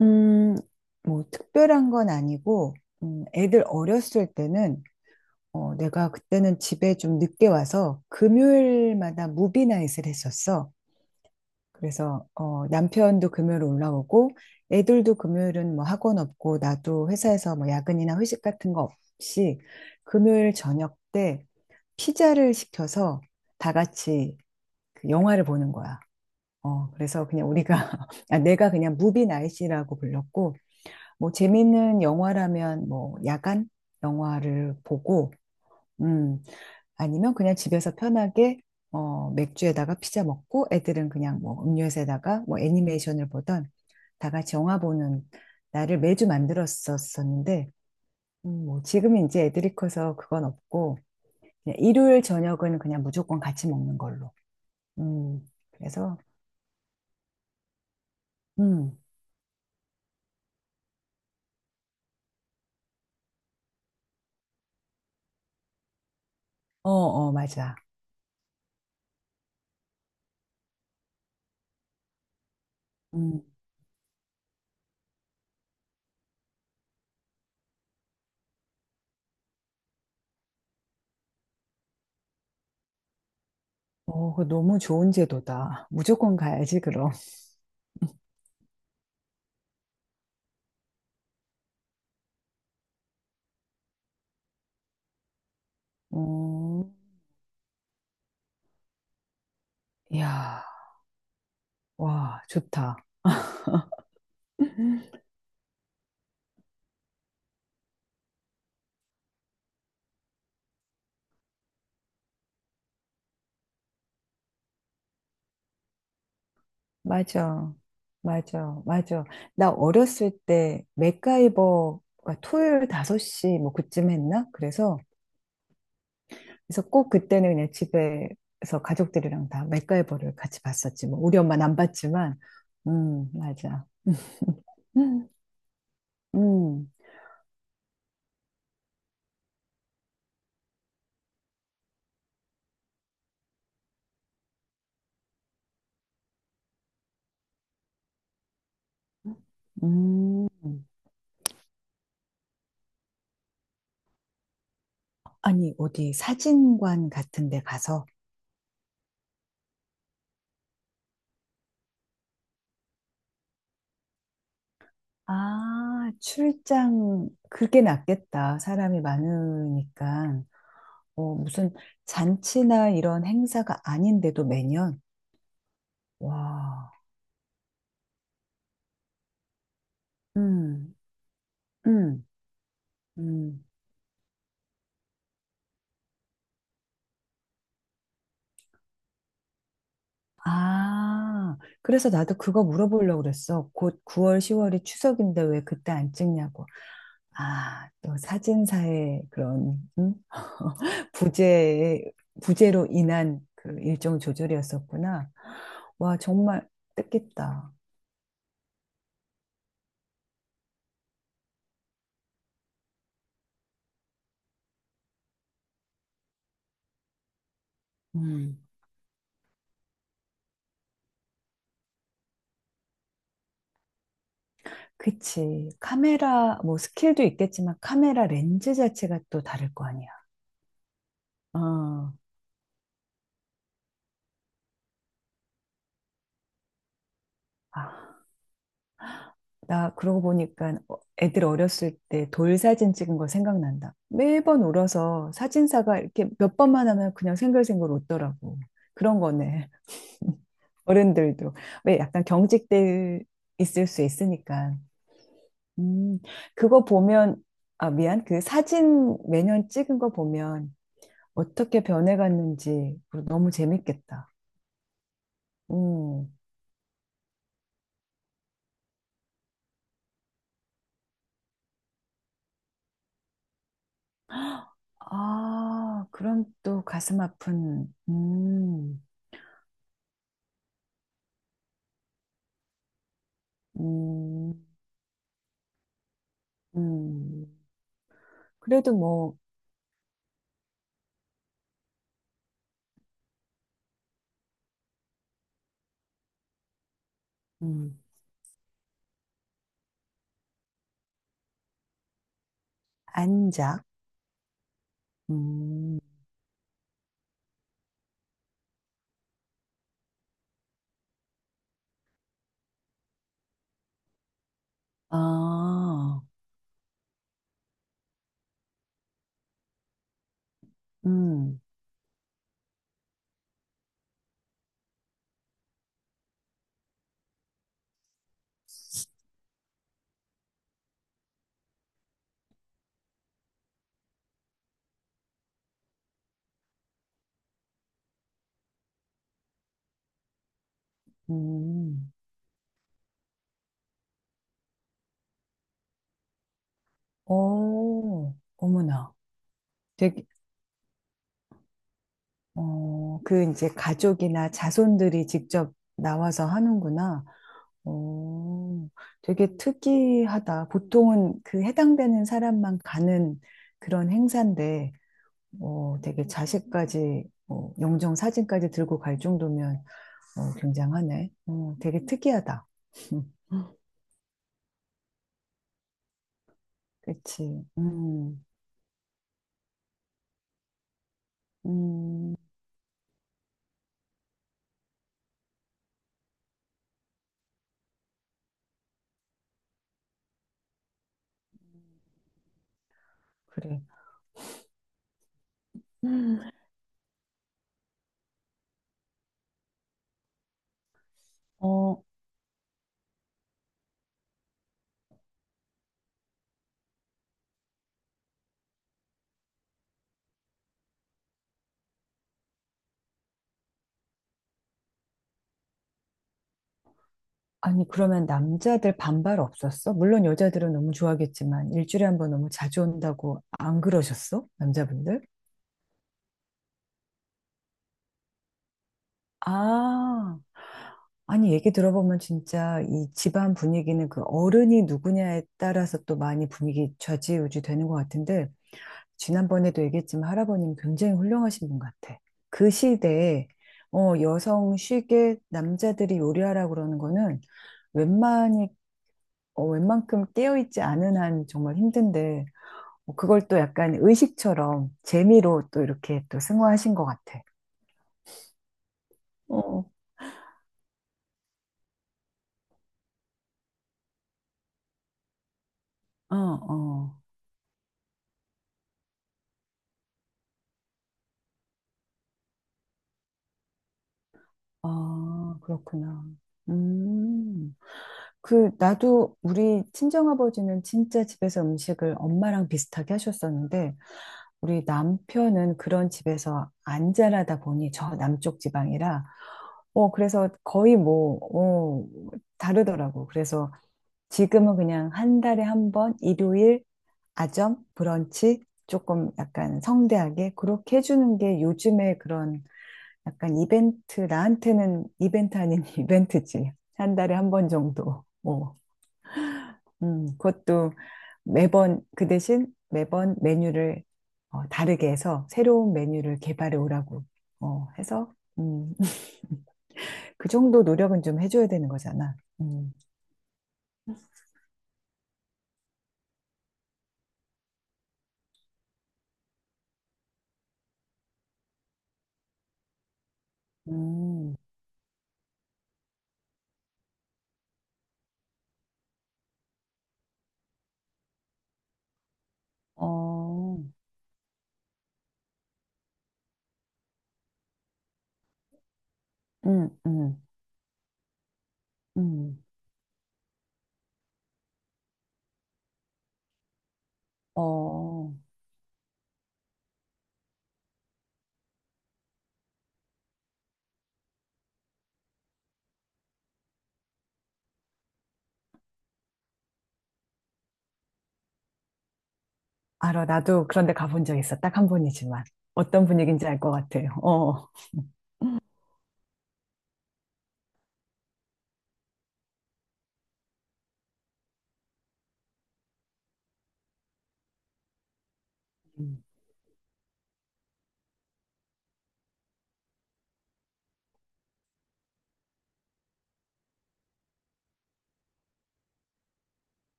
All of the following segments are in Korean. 음, 뭐 특별한 건 아니고, 애들 어렸을 때는 내가 그때는 집에 좀 늦게 와서 금요일마다 무비나잇을 했었어. 그래서 남편도 금요일 올라오고, 애들도 금요일은 뭐 학원 없고, 나도 회사에서 뭐 야근이나 회식 같은 거 없이 금요일 저녁 때 피자를 시켜서 다 같이 그 영화를 보는 거야. 그래서 그냥 우리가, 아, 내가 그냥 무비나잇이라고 불렀고, 뭐 재밌는 영화라면 뭐 야간 영화를 보고 음 아니면 그냥 집에서 편하게 맥주에다가 피자 먹고 애들은 그냥 뭐 음료수에다가 뭐 애니메이션을 보던 다 같이 영화 보는 날을 매주 만들었었었는데 뭐 지금은 이제 애들이 커서 그건 없고 그냥 일요일 저녁은 그냥 무조건 같이 먹는 걸로. 음. 그래서. 음. 어, 어, 맞아. 음. 그거 너무 좋은 제도다. 무조건 가야지, 그럼. 음. 이야, 와, 좋다. 맞아. 맞아. 맞아. 나 어렸을 때 맥가이버가 토요일 5시 뭐 그쯤 했나? 그래서 꼭 그때는 그냥 집에서 가족들이랑 다 맥가이버를 같이 봤었지. 뭐 우리 엄마는 안 봤지만 맞아. 음. 음. 음. 아니, 어디 사진관 같은 데 가서. 아, 출장 그게 낫겠다. 사람이 많으니까. 무슨 잔치나 이런 행사가 아닌데도 매년? 와, 음, 음, 음. 아, 그래서 나도 그거 물어보려고 그랬어. 곧 9월, 10월이 추석인데 왜 그때 안 찍냐고. 아, 또 사진사의 그런, 부재, 부재로 인한 그 일정 조절이었었구나. 와, 정말 뜻깊다. 음. 그치. 카메라, 뭐, 스킬도 있겠지만, 카메라 렌즈 자체가 또 다를 거 아니야. 어. 아, 나 그러고 보니까 애들 어렸을 때 돌 사진 찍은 거 생각난다. 매번 울어서 사진사가 이렇게 몇 번만 하면 그냥 생글생글 웃더라고. 그런 거네. 어른들도. 왜 약간 경직돼 있을 수 있으니까. 음, 그거 보면, 아, 미안. 그 사진 매년 찍은 거 보면 어떻게 변해갔는지 그 너무 재밌겠다. 음. 아, 그럼 또 가슴 아픈. 음. 음. 음. 그래도 뭐. 음. 안작. 음. 아. 음. 음. 오. 어머나. 되게. 그 이제 가족이나 자손들이 직접 나와서 하는구나. 어, 되게 특이하다. 보통은 그 해당되는 사람만 가는 그런 행사인데, 되게 자식까지, 영정 사진까지 들고 갈 정도면, 굉장하네. 되게 특이하다. 그치. 음, 그래. 음, 어, 아니, 그러면 남자들 반발 없었어? 물론 여자들은 너무 좋아하겠지만, 일주일에 한 번 너무 자주 온다고 안 그러셨어? 남자분들? 아, 아니, 얘기 들어보면 진짜 이 집안 분위기는 그 어른이 누구냐에 따라서 또 많이 분위기 좌지우지 되는 것 같은데, 지난번에도 얘기했지만 할아버님 굉장히 훌륭하신 분 같아. 그 시대에, 여성 쉬게 남자들이 요리하라고 그러는 거는 웬만히, 웬만큼 깨어있지 않은 한 정말 힘든데, 그걸 또 약간 의식처럼 재미로 또 이렇게 또 승화하신 것 같아. 어. 어, 어. 아, 그렇구나. 음. 그, 나도 우리 친정아버지는 진짜 집에서 음식을 엄마랑 비슷하게 하셨었는데, 우리 남편은 그런 집에서 안 자라다 보니 저 남쪽 지방이라, 그래서 거의 뭐, 다르더라고. 그래서 지금은 그냥 한 달에 한 번, 일요일, 아점, 브런치, 조금 약간 성대하게 그렇게 해주는 게 요즘에 그런 약간 이벤트, 나한테는 이벤트 아닌 이벤트지. 한 달에 한 번 정도. 어. 그것도 매번 그 대신 매번 메뉴를 다르게 해서 새로운 메뉴를 개발해 오라고 해서 그 정도 노력은 좀 해줘야 되는 거잖아. 음, 음, 어, 음, 음, 음, 어, 알아. 나도 그런데 가본 적 있어. 딱 한 번이지만 어떤 분위기인지 알 것 같아. 어, 음,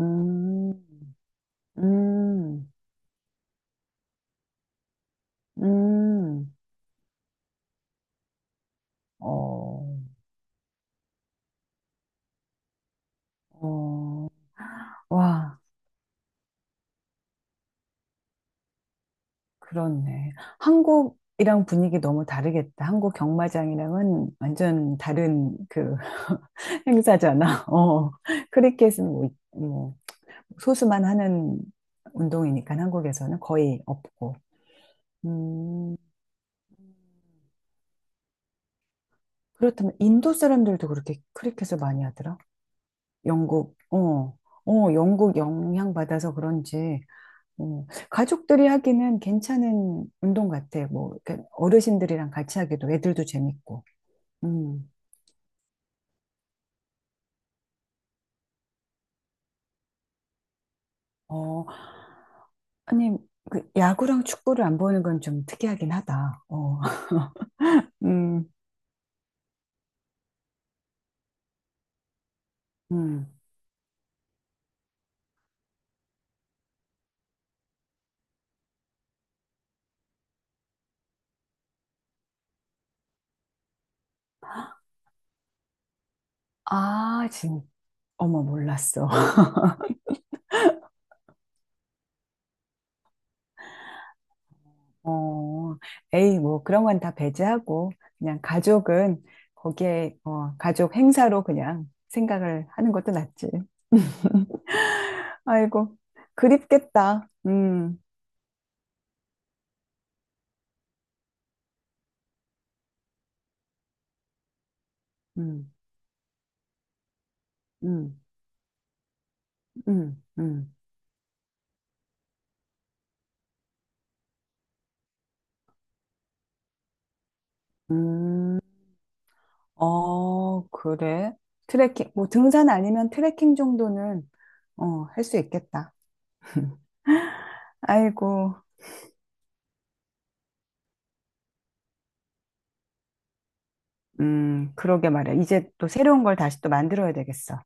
음, 음, 음, 어, 어, 와. 그렇네. 한국이랑 분위기 너무 다르겠다. 한국 경마장이랑은 완전 다른 그 행사잖아. 어. 크리켓은 뭐, 뭐 소수만 하는 운동이니까 한국에서는 거의 없고. 음. 그렇다면 인도 사람들도 그렇게 크리켓을 많이 하더라. 영국, 어, 영국 영향 받아서 그런지 가족들이 하기는 괜찮은 운동 같아. 뭐 이렇게 어르신들이랑 같이 하기도 애들도 재밌고. 음. 어, 아니, 그 야구랑 축구를 안 보는 건 좀 특이하긴 하다. 어. 음, 음. 아, 어머, 몰랐어. 어, 에이, 뭐, 그런 건 다 배제하고, 그냥 가족은 거기에, 가족 행사로 그냥 생각을 하는 것도 낫지. 아이고, 그립겠다. 음, 음, 음, 음, 음. 그래? 트레킹, 뭐 등산 아니면 트레킹 정도는 할 수 있겠다. 아이고, 그러게 말이야. 이제 또 새로운 걸 다시 또 만들어야 되겠어.